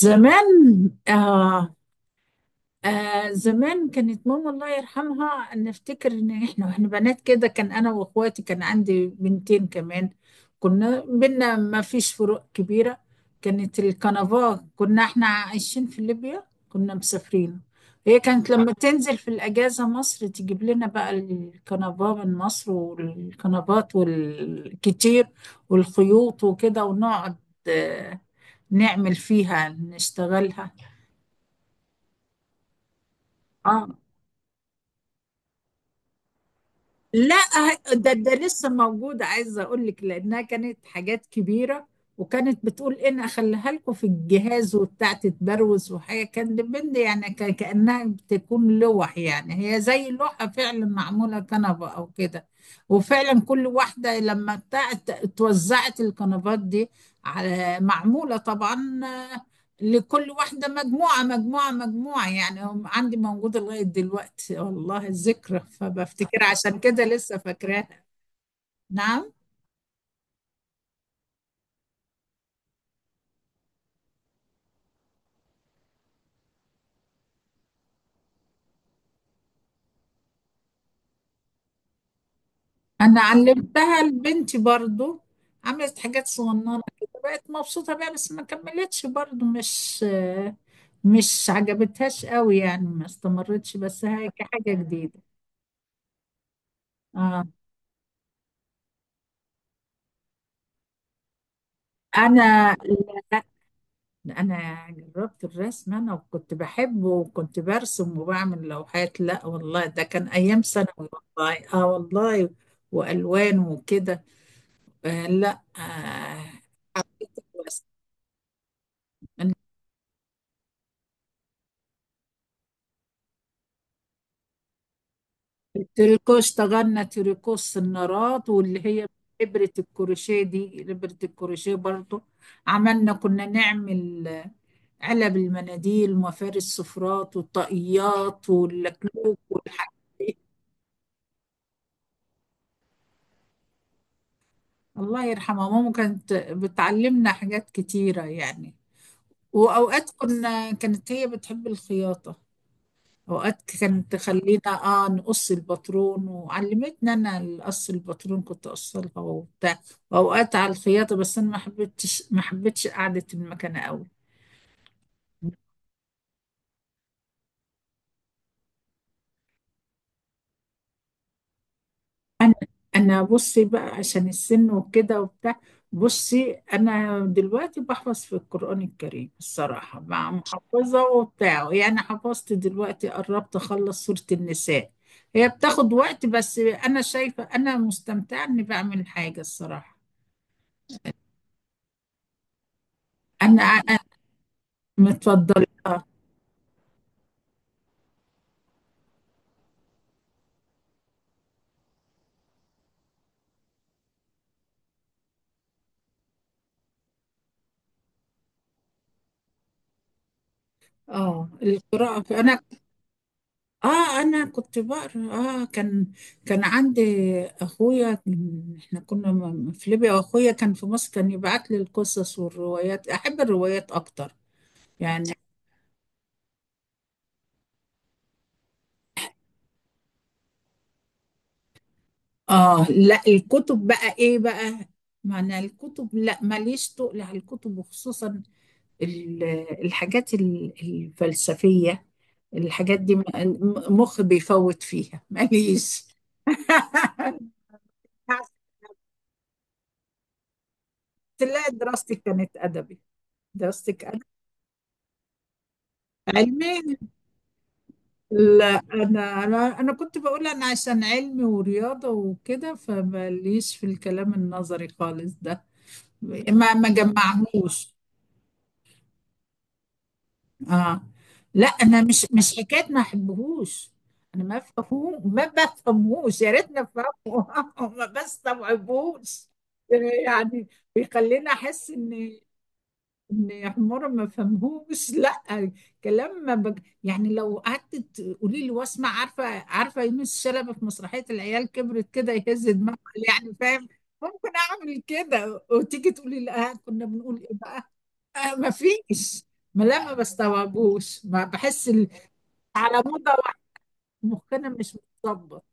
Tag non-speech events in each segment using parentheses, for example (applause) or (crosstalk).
زمان، آه، آه، زمان كانت ماما الله يرحمها، نفتكر ان احنا واحنا بنات كده، كان انا واخواتي، كان عندي بنتين كمان. كنا بينا ما فيش فروق كبيرة. كانت الكنفاه، كنا احنا عايشين في ليبيا، كنا مسافرين. هي كانت لما تنزل في الأجازة مصر تجيب لنا بقى الكنفاه من مصر والكنفات والكتير والخيوط وكده، ونقعد آه، نعمل فيها نشتغلها. اه، لا، ده لسه موجودة. عايزة أقول لك لأنها كانت حاجات كبيرة. وكانت بتقول إن أخليها لكم في الجهاز وبتاع، تتبروز، وحاجة كان بند يعني كأنها بتكون لوح، يعني هي زي لوحة فعلا معمولة كنبة أو كده. وفعلا كل واحدة لما بتاعت، اتوزعت الكنبات دي على معمولة طبعا لكل واحدة، مجموعة مجموعة مجموعة يعني هم، عندي موجودة لغاية دلوقتي والله، الذكرى، فبفتكر عشان كده لسه فاكراها. نعم. أنا علمتها لبنتي برضو، عملت حاجات صغننة كده، بقت مبسوطة بيها، بس ما كملتش برضو، مش عجبتهاش قوي يعني، ما استمرتش، بس هي كحاجة جديدة. آه. أنا جربت الرسم انا، وكنت بحبه وكنت برسم وبعمل لوحات. لا والله، ده كان ايام ثانوي. والله، اه والله، والوان وكده. آه لا آه، حبيت الرسم أنا. التريكو اشتغلنا تريكو، السنارات واللي هي ابرة الكروشيه دي، ابرة الكروشيه برضو. كنا نعمل آه، علب المناديل ومفارس السفرات والطاقيات واللكلوك والحاجات دي. الله يرحمها، ماما كانت بتعلمنا حاجات كتيرة يعني. وأوقات كانت هي بتحب الخياطة. أوقات كانت تخلينا آه، نقص الباترون، وعلمتنا أنا القص، الباترون كنت أقصلها وبتاع. وأوقات على الخياطة، بس أنا ما حبيتش قعدة المكنة أوي. انا انا بصي بقى عشان السن وكده وبتاع. بصي، انا دلوقتي بحفظ في القرآن الكريم الصراحة، مع محفظة وبتاع يعني. حفظت دلوقتي، قربت اخلص سورة النساء. هي بتاخد وقت، بس انا شايفة انا مستمتعة اني بعمل حاجة الصراحة. انا متفضلة. اه، القراءة انا. اه، انا كنت بقرا. اه، كان، عندي اخويا، احنا كنا في ليبيا، واخويا كان في مصر، كان يبعت لي القصص والروايات. احب الروايات اكتر يعني. اه، لا، الكتب بقى ايه بقى؟ معنى الكتب، لا ماليش تقل على الكتب، وخصوصا ال- الحاجات الفلسفية. الحاجات دي، مخي بيفوت فيها، ماليش. (laughs) تلاقي دراستي كانت ادبي. دراستي. علمي. لا، انا انا أنا كنت بقول انا عشان علمي ورياضه وكده، فماليش في الكلام النظري خالص ده. ما جمعهوش. اه لا، انا مش حكايه ما احبهوش. انا ما بفهمه، ما بفهموش، يا ريتني افهمه (laughs) ما بستوعبهوش. يعني بيخليني احس ان يا حمارة ما فهمهوش (laughs) لا، كلام ما بج... يعني لو قعدت تقولي لي واسمع، عارفه يونس شلبي في مسرحيه العيال كبرت كده يهز دماغه، يعني فاهم. ممكن اعمل كده، وتيجي تقولي لا، كنا بنقول ايه بقى؟ آه، ما فيش. ما بستوعبوش، ما بحس على مدى واحد، مخنا مش متظبط.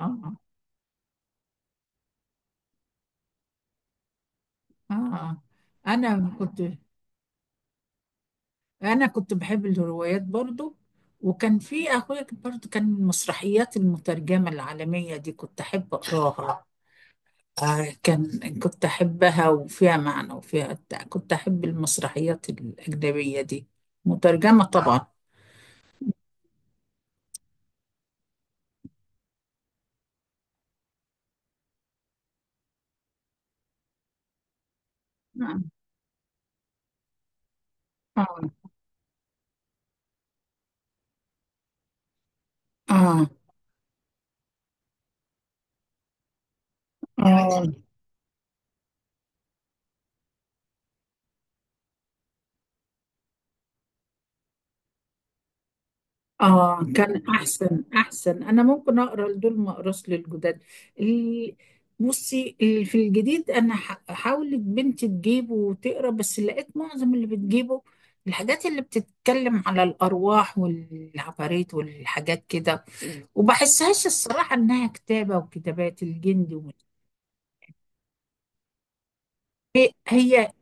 اه، اه، آه. انا كنت انا كنت بحب الروايات برضو. وكان في اخويا برضو، كان المسرحيات المترجمه العالميه دي كنت احب اقراها. آه، كنت احبها، وفيها معنى وفيها بتاع. كنت احب المسرحيات الاجنبيه دي، مترجمه آه. طبعا. اه، اه، آه. آه، كان، أحسن، أحسن، أنا ممكن أقرأ لدول، ما أقراش للجداد. ال- بصي، في الجديد، أنا حاولت بنتي تجيبه وتقرأ، بس لقيت معظم اللي بتجيبه الحاجات اللي بتتكلم على الأرواح والعفاريت والحاجات كده. وبحسهاش الصراحة إنها كتابة، وكتابات الجندي، هي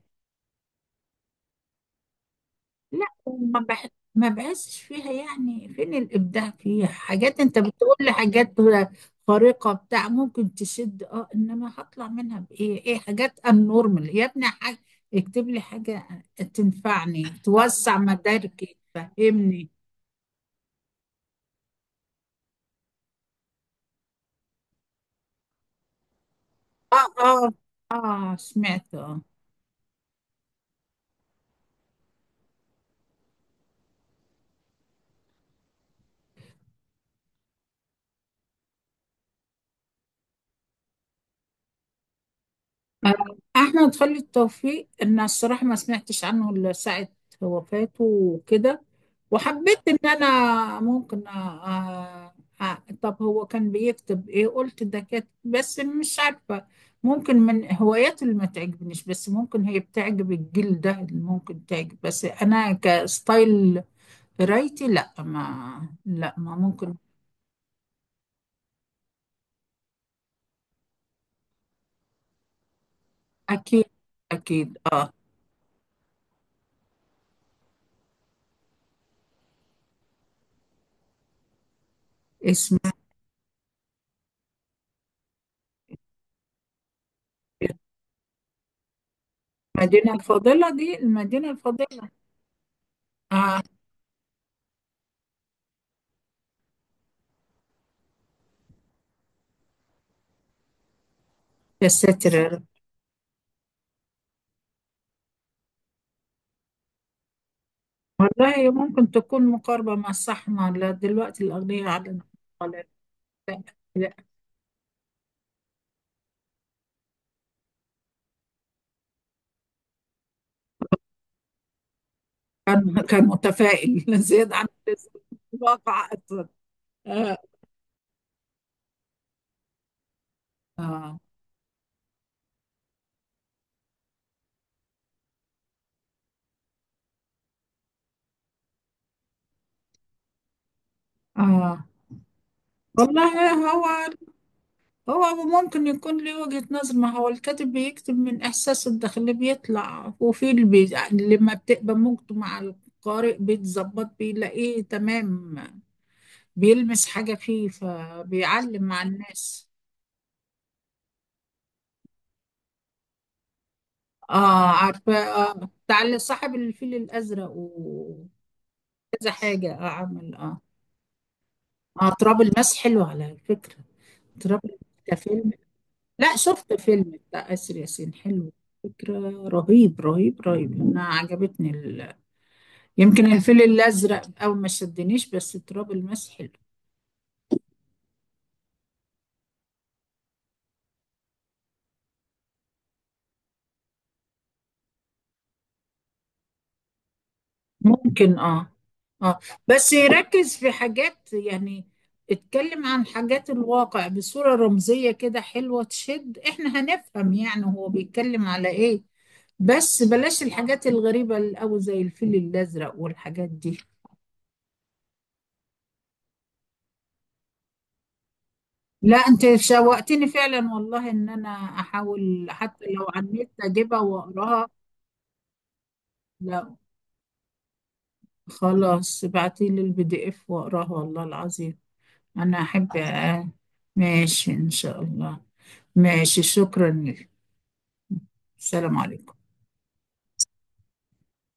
لا، ما بحسش فيها، يعني فين الإبداع فيها؟ حاجات انت بتقول لي حاجات خارقة بتاع ممكن تشد، اه، انما هطلع منها بإيه؟ ايه، حاجات النورمال يا ابني. حاجة، اكتب لي حاجة تنفعني، توسع مداركي، تفهمني. اه، اه، اه، سمعت اه، آه، احمد خالد توفيق ان الصراحه، ما سمعتش عنه الا ساعه وفاته وكده. وحبيت ان انا ممكن طب هو كان بيكتب ايه؟ قلت ده كاتب بس مش عارفه. ممكن من هواياته اللي ما تعجبنيش، بس ممكن هي بتعجب الجيل ده، اللي ممكن تعجب، بس انا كستايل قرايتي، لا ما ممكن. اكيد، اكيد، اه، اسم. المدينه الفاضله دي، المدينه الفاضله. آه، يا ساتر يا رب. والله ممكن تكون مقاربة مع الصحنة، لا دلوقتي الأغنياء عدنا. ولا، لا، لا، كان متفائل (laughs) زيادة عن اللزوم في الواقع أصلا. آه، آه، آه. والله، هو ممكن يكون له وجهة نظر. ما هو الكاتب بيكتب من إحساسه الداخلي، بيطلع وفي اللي لما بتبقى موجته مع القارئ بيتظبط، بيلاقيه تمام، بيلمس حاجة فيه، فبيعلم مع الناس. اه، عارفة، اه، بتاع اللي صاحب الفيل الأزرق وكذا حاجة، اه، عمل، اه، اه. تراب الماس حلو على فكرة. تراب الماس كفيلم، لا، شفت فيلم بتاع آسر ياسين، حلو فكرة. رهيب رهيب رهيب، أنا عجبتني يمكن الفيل الأزرق أو ما شدنيش، بس تراب الماس حلو. ممكن، اه، اه. بس يركز في حاجات يعني، اتكلم عن حاجات الواقع بصورة رمزية كده حلوة تشد، احنا هنفهم يعني هو بيتكلم على ايه. بس بلاش الحاجات الغريبة أوي زي الفيل الأزرق والحاجات دي. لا، انت شوقتني فعلا والله، ان انا احاول حتى لو على النت اجيبها واقراها. لا خلاص، ابعتيلي البي دي اف واقراها والله العظيم. أنا أحب آه، ماشي إن شاء الله. ماشي، شكرا لك. السلام عليكم.